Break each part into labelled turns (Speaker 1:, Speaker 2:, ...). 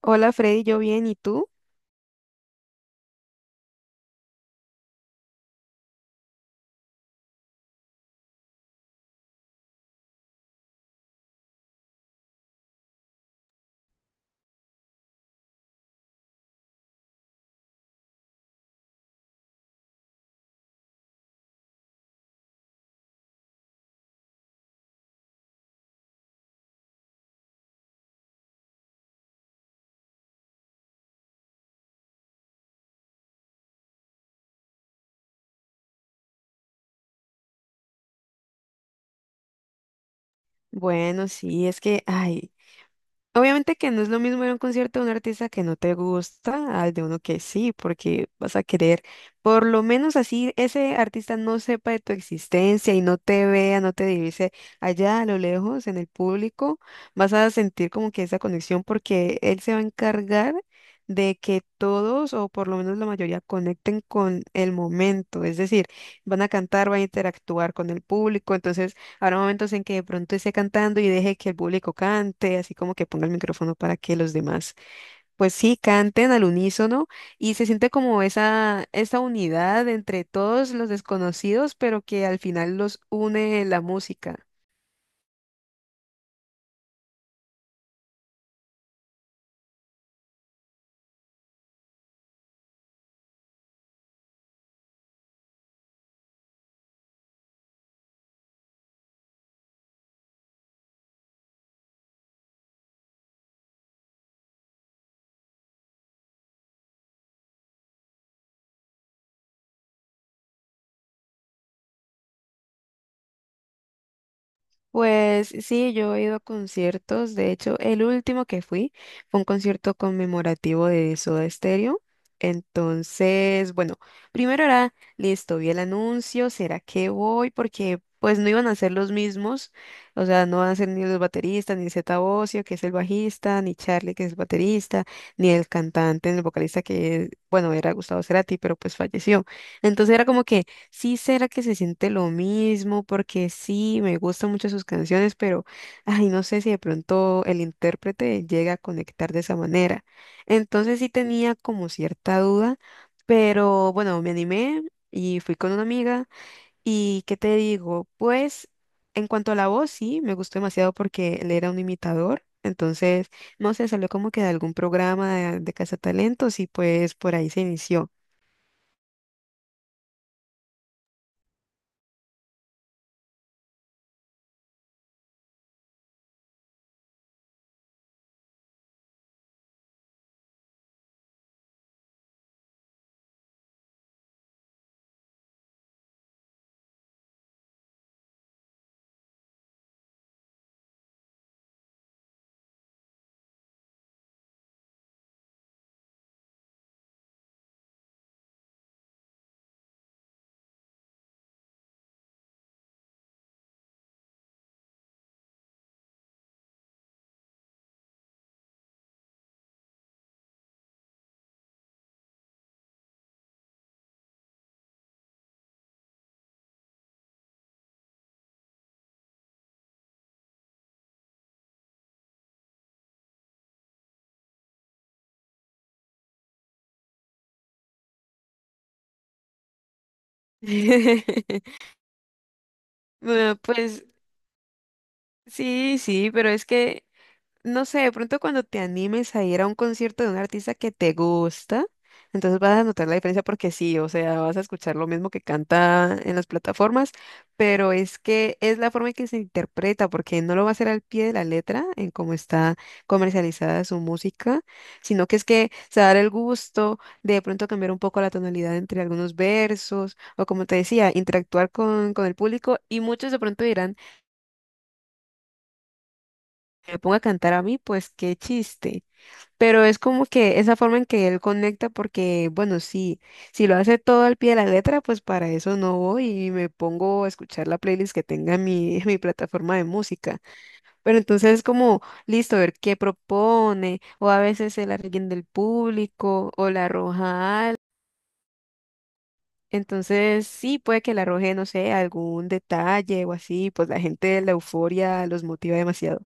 Speaker 1: Hola Freddy, yo bien, ¿y tú? Bueno, sí, es que, ay, obviamente que no es lo mismo ir a un concierto de un artista que no te gusta al de uno que sí, porque vas a querer, por lo menos así ese artista no sepa de tu existencia y no te vea, no te divise allá a lo lejos en el público, vas a sentir como que esa conexión porque él se va a encargar de que todos o por lo menos la mayoría conecten con el momento, es decir, van a cantar, van a interactuar con el público, entonces... Habrá momentos en que de pronto esté cantando y deje que el público cante, así como que ponga el micrófono para que los demás, pues sí, canten al unísono y se siente como esa unidad entre todos los desconocidos, pero que al final los une la música. Pues sí, yo he ido a conciertos. De hecho, el último que fui fue un concierto conmemorativo de Soda Stereo. Entonces, bueno, primero era, listo, vi el anuncio, ¿será que voy? Porque pues no iban a ser los mismos, o sea, no van a ser ni los bateristas, ni Zeta Bosio, que es el bajista, ni Charlie, que es el baterista, ni el cantante, ni el vocalista, que, bueno, era Gustavo Cerati, pero pues falleció. Entonces era como que... Sí, será que se siente lo mismo, porque sí, me gustan mucho sus canciones, pero ay, no sé si de pronto el intérprete llega a conectar de esa manera. Entonces sí tenía como cierta duda, pero bueno, me animé y fui con una amiga. ¿Y qué te digo? Pues en cuanto a la voz, sí, me gustó demasiado porque él era un imitador. Entonces, no sé, salió como que de algún programa de Cazatalentos y pues por ahí se inició. Bueno, pues sí, sí, pero es que, no sé, de pronto cuando te animes a ir a un concierto de un artista que te gusta, entonces vas a notar la diferencia porque sí, o sea, vas a escuchar lo mismo que canta en las plataformas, pero es que es la forma en que se interpreta, porque no lo va a hacer al pie de la letra en cómo está comercializada su música, sino que es que se va a dar el gusto de pronto cambiar un poco la tonalidad entre algunos versos, o como te decía, interactuar con el público, y muchos de pronto dirán me ponga a cantar a mí, pues qué chiste. Pero es como que esa forma en que él conecta, porque bueno, sí, si lo hace todo al pie de la letra, pues para eso no voy y me pongo a escuchar la playlist que tenga en mi, en mi plataforma de música. Pero entonces es como, listo, ver qué propone, o a veces el alguien del público, o la arroja algo. Entonces, sí, puede que le arroje, no sé, algún detalle o así, pues la gente la euforia los motiva demasiado.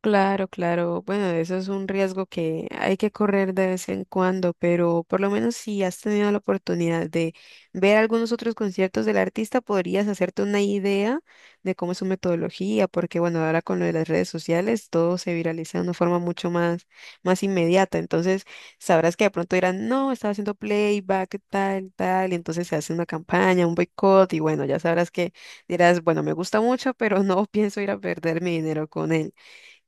Speaker 1: Claro, claro. Bueno, eso es un riesgo que hay que correr de vez en cuando, pero por lo menos si has tenido la oportunidad de ver algunos otros conciertos del artista, podrías hacerte una idea de cómo es su metodología, porque bueno, ahora con lo de las redes sociales todo se viraliza de una forma mucho más, más inmediata. Entonces, sabrás que de pronto dirán, no, estaba haciendo playback, tal, tal, y entonces se hace una campaña, un boicot, y bueno, ya sabrás que dirás, bueno, me gusta mucho, pero no pienso ir a perder mi dinero con él.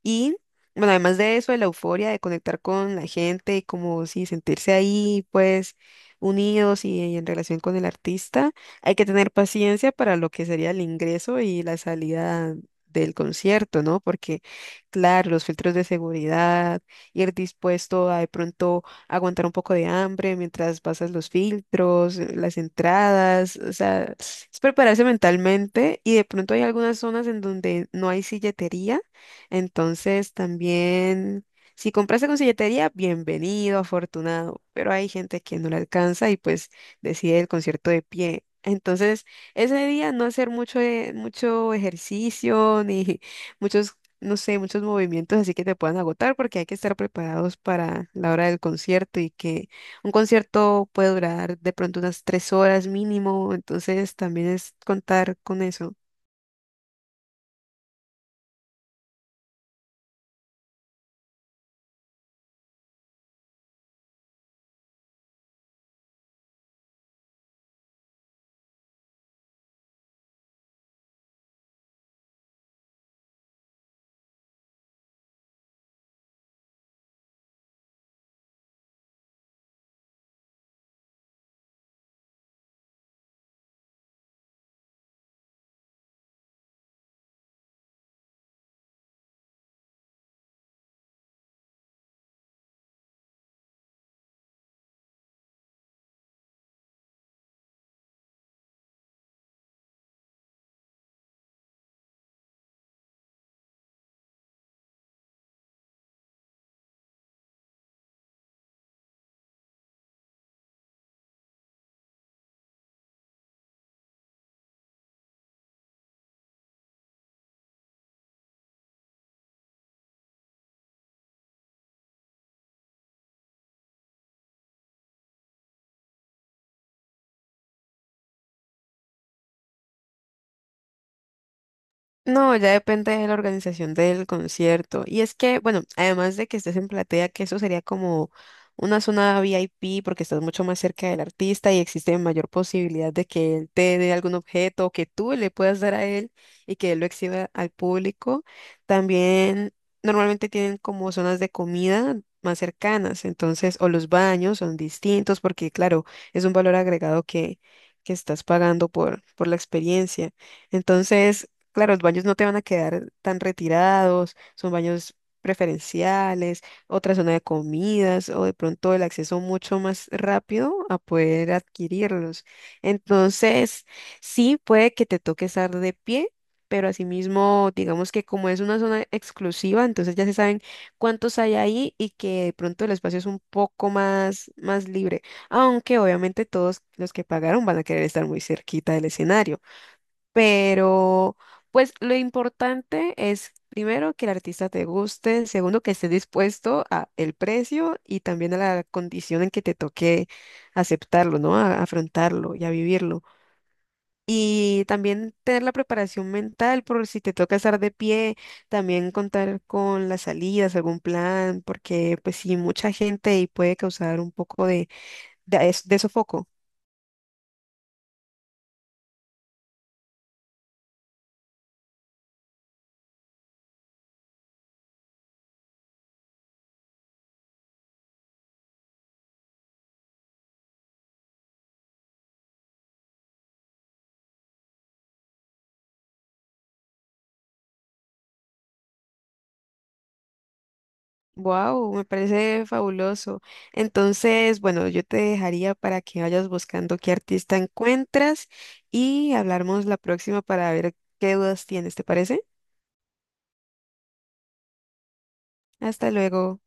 Speaker 1: Y bueno, además de eso, de la euforia de conectar con la gente y como si sentirse ahí, pues unidos y en relación con el artista, hay que tener paciencia para lo que sería el ingreso y la salida del concierto, ¿no? Porque, claro, los filtros de seguridad, ir dispuesto a de pronto aguantar un poco de hambre mientras pasas los filtros, las entradas, o sea, es prepararse mentalmente y de pronto hay algunas zonas en donde no hay silletería, entonces también, si compraste con silletería, bienvenido, afortunado, pero hay gente que no le alcanza y pues decide el concierto de pie. Entonces, ese día no hacer mucho, mucho ejercicio ni muchos, no sé, muchos movimientos así que te puedan agotar porque hay que estar preparados para la hora del concierto y que un concierto puede durar de pronto unas 3 horas mínimo, entonces también es contar con eso. No, ya depende de la organización del concierto. Y es que, bueno, además de que estés en platea, que eso sería como una zona VIP porque estás mucho más cerca del artista y existe mayor posibilidad de que él te dé algún objeto o que tú le puedas dar a él y que él lo exhiba al público. También normalmente tienen como zonas de comida más cercanas, entonces, o los baños son distintos porque, claro, es un valor agregado que estás pagando por la experiencia. Entonces, claro, los baños no te van a quedar tan retirados, son baños preferenciales, otra zona de comidas o de pronto el acceso mucho más rápido a poder adquirirlos. Entonces, sí puede que te toque estar de pie, pero asimismo, digamos que como es una zona exclusiva, entonces ya se saben cuántos hay ahí y que de pronto el espacio es un poco más, más libre, aunque obviamente todos los que pagaron van a querer estar muy cerquita del escenario. Pero, pues lo importante es, primero, que el artista te guste, segundo, que esté dispuesto a el precio y también a la condición en que te toque aceptarlo, ¿no? A afrontarlo y a vivirlo. Y también tener la preparación mental por si te toca estar de pie, también contar con las salidas, algún plan, porque pues sí, mucha gente y puede causar un poco de sofoco. Wow, me parece fabuloso. Entonces, bueno, yo te dejaría para que vayas buscando qué artista encuentras y hablamos la próxima para ver qué dudas tienes, ¿te parece? Hasta luego.